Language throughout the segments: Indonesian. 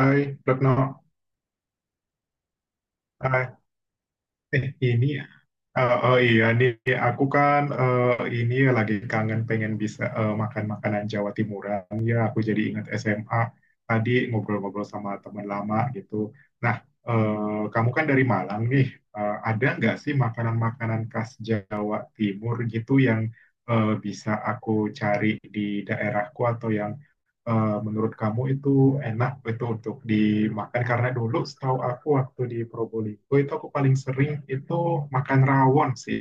Hai, Retno. Hai. Eh, ini, eh, oh, iya nih, aku kan ini ya lagi kangen pengen bisa makan makanan Jawa Timuran. Ya, aku jadi ingat SMA tadi ngobrol-ngobrol sama teman lama gitu. Nah, kamu kan dari Malang nih. Ada nggak sih makanan-makanan khas Jawa Timur gitu yang bisa aku cari di daerahku atau yang menurut kamu itu enak itu untuk dimakan karena dulu setahu aku waktu di Probolinggo itu aku paling sering itu makan rawon sih.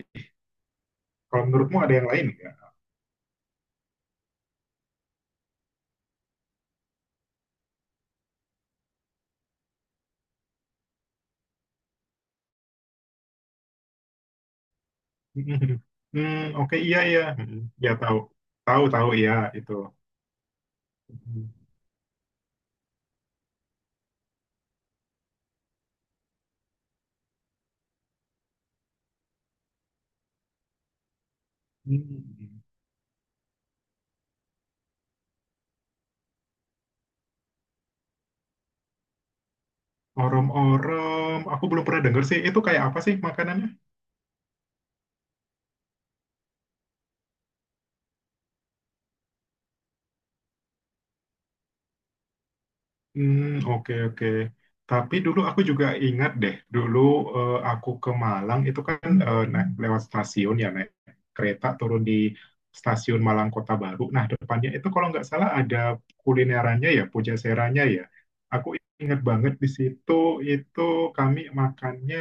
Kalau menurutmu ada yang lain nggak? Hmm, oke, iya iya. Hmm, ya tahu. Tahu, iya itu. Mm. Hmm. Orem-orem, aku belum pernah denger sih. Itu kayak apa sih makanannya? Hmm, oke oke. Tapi dulu aku juga ingat deh, dulu aku ke Malang itu kan naik lewat stasiun ya naik kereta turun di stasiun Malang Kota Baru. Nah, depannya itu kalau nggak salah ada kulinerannya ya, Puja Seranya ya. Aku ingat banget di situ itu kami makannya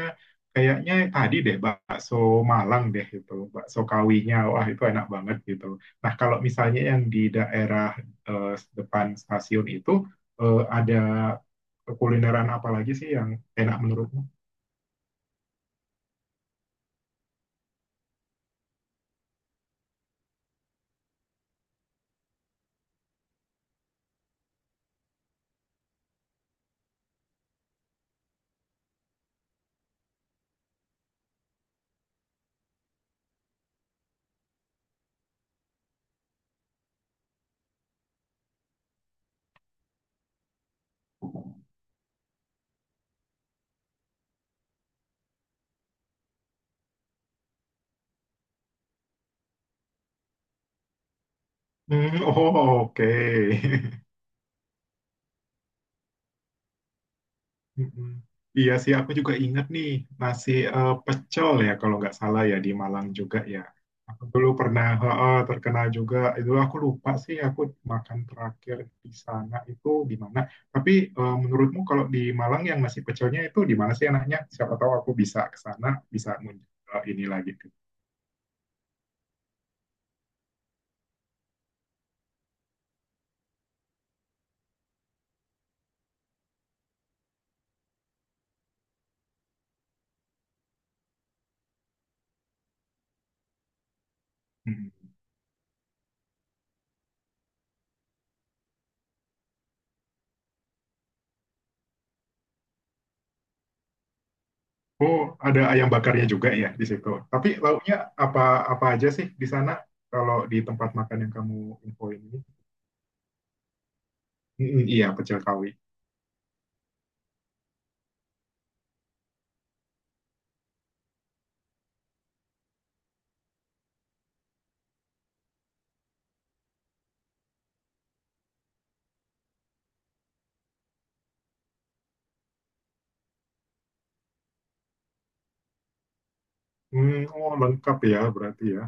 kayaknya tadi deh bakso Malang deh itu, bakso kawinya. Wah, itu enak banget gitu. Nah, kalau misalnya yang di daerah eh, depan stasiun itu ada kulineran apa lagi sih yang enak menurutmu? Hmm, oh, oke. Mm-mm. Iya sih, aku juga ingat nih nasi pecel ya kalau nggak salah ya di Malang juga ya. Aku dulu pernah terkenal juga. Itu aku lupa sih aku makan terakhir di sana itu di mana. Tapi menurutmu kalau di Malang yang nasi pecelnya itu di mana sih enaknya? Siapa tahu aku bisa ke sana, bisa ngunjung ini lagi tuh. Oh, ada ayam bakarnya juga ya di situ. Tapi lauknya apa apa aja sih di sana kalau di tempat makan yang kamu infoin ini? Mm, iya, pecel kawi. Hmm, oh lengkap ya berarti ya.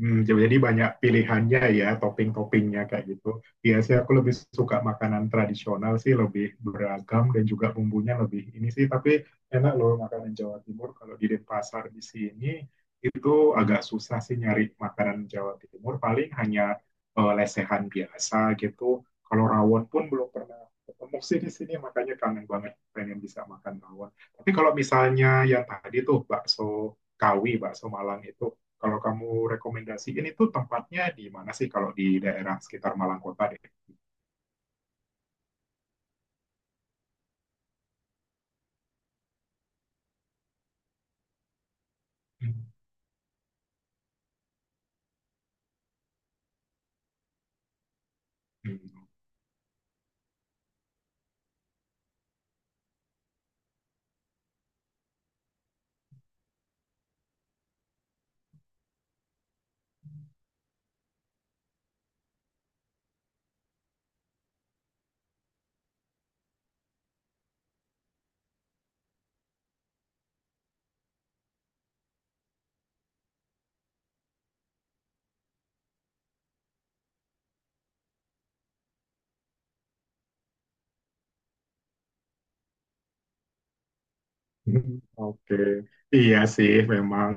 Hmm, jadi banyak pilihannya ya, topping-toppingnya kayak gitu. Biasanya aku lebih suka makanan tradisional sih, lebih beragam dan juga bumbunya lebih ini sih. Tapi enak loh makanan Jawa Timur. Kalau di Denpasar di sini itu agak susah sih nyari makanan Jawa Timur. Paling hanya lesehan biasa gitu. Kalau rawon pun belum pernah ketemu sih di sini, makanya kangen banget pengen bisa makan rawon. Tapi kalau misalnya yang tadi tuh bakso Kawi, bakso Malang itu kalau kamu rekomendasiin itu tempatnya di mana sih kalau di daerah sekitar Malang Kota deh? Hmm. Oke. Iya sih memang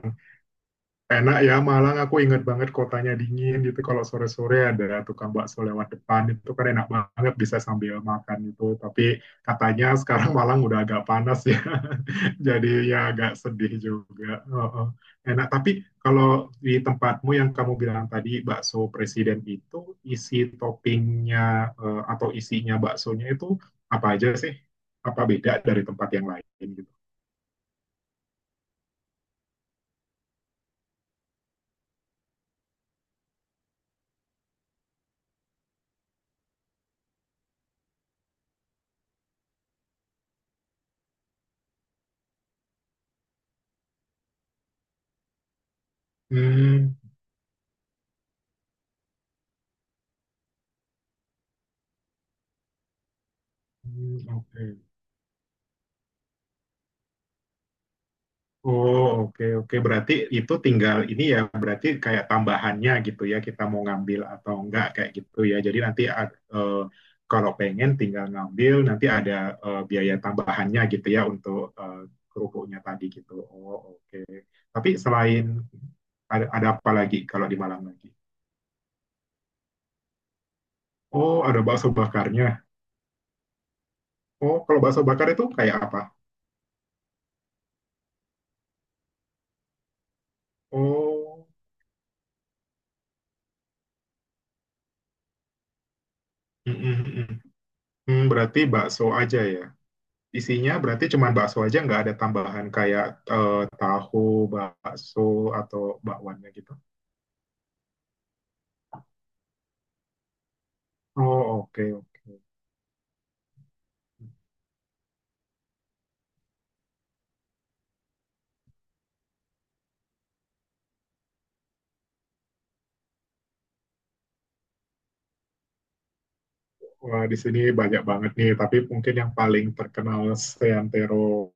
enak ya Malang. Aku ingat banget kotanya dingin gitu. Kalau sore-sore ada tukang bakso lewat depan itu kan enak banget bisa sambil makan itu. Tapi katanya sekarang Malang udah agak panas ya. Jadi ya agak sedih juga. Heeh. Enak, tapi kalau di tempatmu yang kamu bilang tadi bakso presiden itu isi toppingnya atau isinya baksonya itu apa aja sih? Apa beda dari tempat yang lain gitu? Hmm, hmm, oke. Oh, oke, oke. Berarti itu tinggal ini ya, berarti kayak tambahannya gitu ya, kita mau ngambil atau enggak kayak gitu ya. Jadi nanti kalau pengen tinggal ngambil, nanti ada biaya tambahannya gitu ya untuk kerupuknya tadi gitu. Oh, oke. Tapi selain ada apa lagi kalau di Malang lagi? Oh, ada bakso bakarnya. Oh, kalau bakso bakar itu kayak apa? Oh, mm, mm, mm. Hmm, berarti bakso aja ya. Isinya berarti cuma bakso aja, nggak ada tambahan kayak tahu, bakso, atau bakwannya gitu. Oh, oke, oke. Wah, di sini banyak banget nih, tapi mungkin yang paling terkenal seantero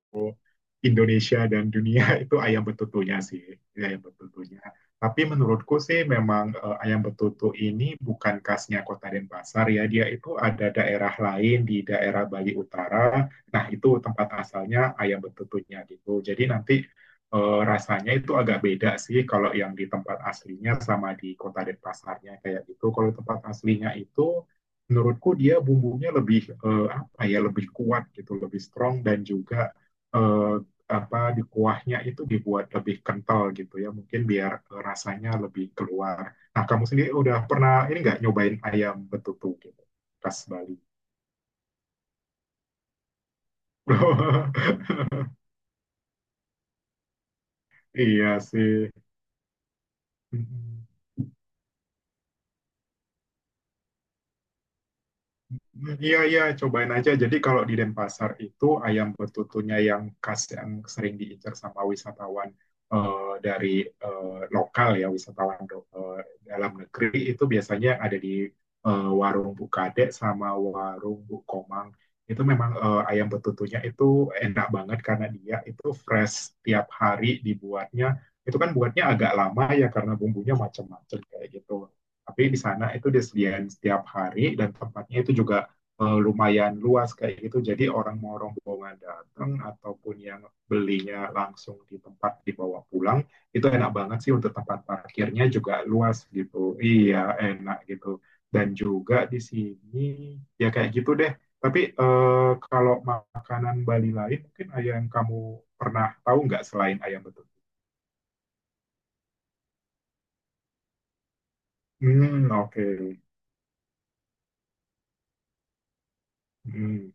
Indonesia dan dunia itu ayam betutunya sih, iya, ayam betutunya. Tapi menurutku sih memang ayam betutu ini bukan khasnya Kota Denpasar ya, dia itu ada daerah lain di daerah Bali Utara. Nah, itu tempat asalnya ayam betutunya gitu. Jadi nanti rasanya itu agak beda sih kalau yang di tempat aslinya sama di Kota Denpasarnya kayak gitu. Kalau tempat aslinya itu menurutku dia bumbunya lebih apa ya lebih kuat gitu lebih strong dan juga eh, apa di kuahnya itu dibuat lebih kental gitu ya mungkin biar rasanya lebih keluar. Nah kamu sendiri udah pernah ini nggak nyobain ayam betutu gitu khas Bali? Iya sih. Mm-mm. Iya, iya, cobain aja. Jadi kalau di Denpasar itu ayam betutunya yang khas yang sering diincar sama wisatawan dari lokal ya, wisatawan dalam negeri itu biasanya ada di warung Bu Kadek sama warung Bu Komang. Itu memang ayam betutunya itu enak banget karena dia itu fresh tiap hari dibuatnya. Itu kan buatnya agak lama ya karena bumbunya macam-macam kayak gitu. Tapi di sana itu disediain setiap hari dan tempatnya itu juga lumayan luas kayak gitu. Jadi orang mau rombongan datang ataupun yang belinya langsung di tempat dibawa pulang, itu enak banget sih untuk tempat parkirnya juga luas gitu. Iya, enak gitu. Dan juga di sini ya kayak gitu deh. Tapi kalau makanan Bali lain mungkin ayam kamu pernah tahu nggak selain ayam betutu? Hmm, oke. Okay. Hmm,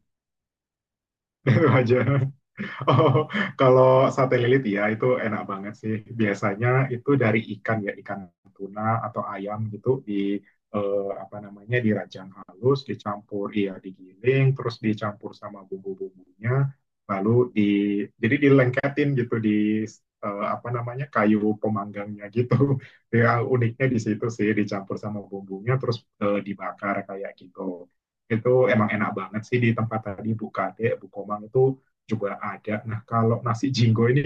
itu aja. Oh, kalau sate lilit ya itu enak banget sih. Biasanya itu dari ikan ya, ikan tuna atau ayam gitu di apa namanya dirajang halus, dicampur ya digiling, terus dicampur sama bumbu-bumbunya, lalu di jadi dilengketin gitu di apa namanya kayu pemanggangnya gitu. Ya uniknya di situ sih dicampur sama bumbunya terus dibakar kayak gitu. Itu emang enak banget sih di tempat tadi Bu Kade, Bu Komang itu juga ada. Nah, kalau nasi jinggo ini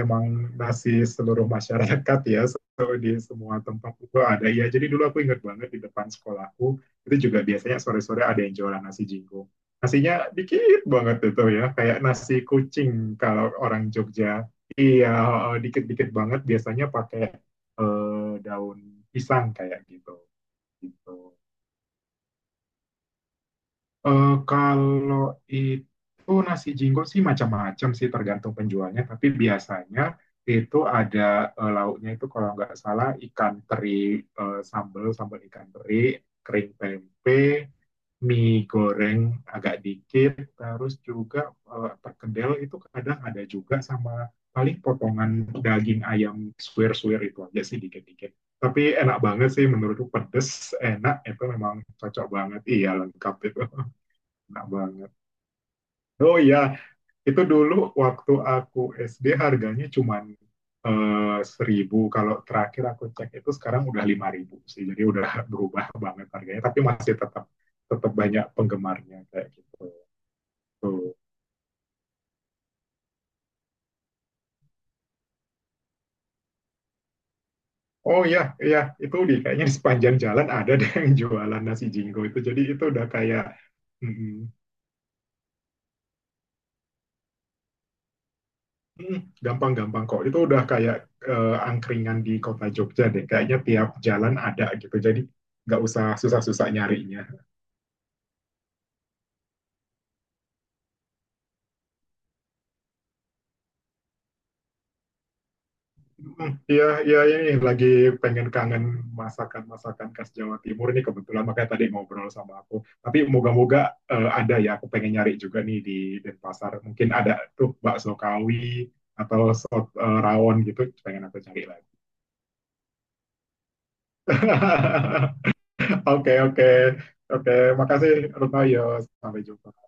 emang nasi seluruh masyarakat ya, so, di semua tempat itu ada. Ya, jadi dulu aku ingat banget di depan sekolahku, itu juga biasanya sore-sore ada yang jualan nasi jinggo. Nasinya dikit banget itu ya, kayak nasi kucing kalau orang Jogja. Iya, dikit-dikit banget biasanya pakai daun pisang kayak gitu. Gitu. Eh, kalau itu nasi jinggo sih macam-macam sih tergantung penjualnya, tapi biasanya itu ada lauknya itu kalau nggak salah ikan teri sambal sambal ikan teri, kering tempe, mie goreng agak dikit, terus juga perkedel itu kadang ada juga sama paling potongan daging ayam suwir-suwir itu aja sih dikit-dikit. Tapi enak banget sih menurutku pedes, enak itu memang cocok banget. Iya lengkap itu. Enak banget. Oh iya, itu dulu waktu aku SD harganya cuman 1.000. Kalau terakhir aku cek itu sekarang udah 5.000 sih. Jadi udah berubah banget harganya. Tapi masih tetap tetap banyak penggemarnya kayak gitu. Tuh. Oh iya, iya itu di kayaknya sepanjang jalan ada deh yang jualan nasi jinggo itu. Jadi itu udah kayak mm, hmm, gampang-gampang kok. Itu udah kayak angkringan di kota Jogja deh. Kayaknya tiap jalan ada gitu. Jadi nggak usah susah-susah nyarinya. Hmm, iya, iya ini lagi pengen kangen masakan-masakan khas Jawa Timur ini kebetulan makanya tadi ngobrol sama aku. Tapi moga-moga ada ya. Aku pengen nyari juga nih di Denpasar. Mungkin ada tuh bakso kawi atau sop rawon gitu. Pengen aku cari lagi. Oke, oke, oke. Makasih, Rutno. Yo, sampai jumpa.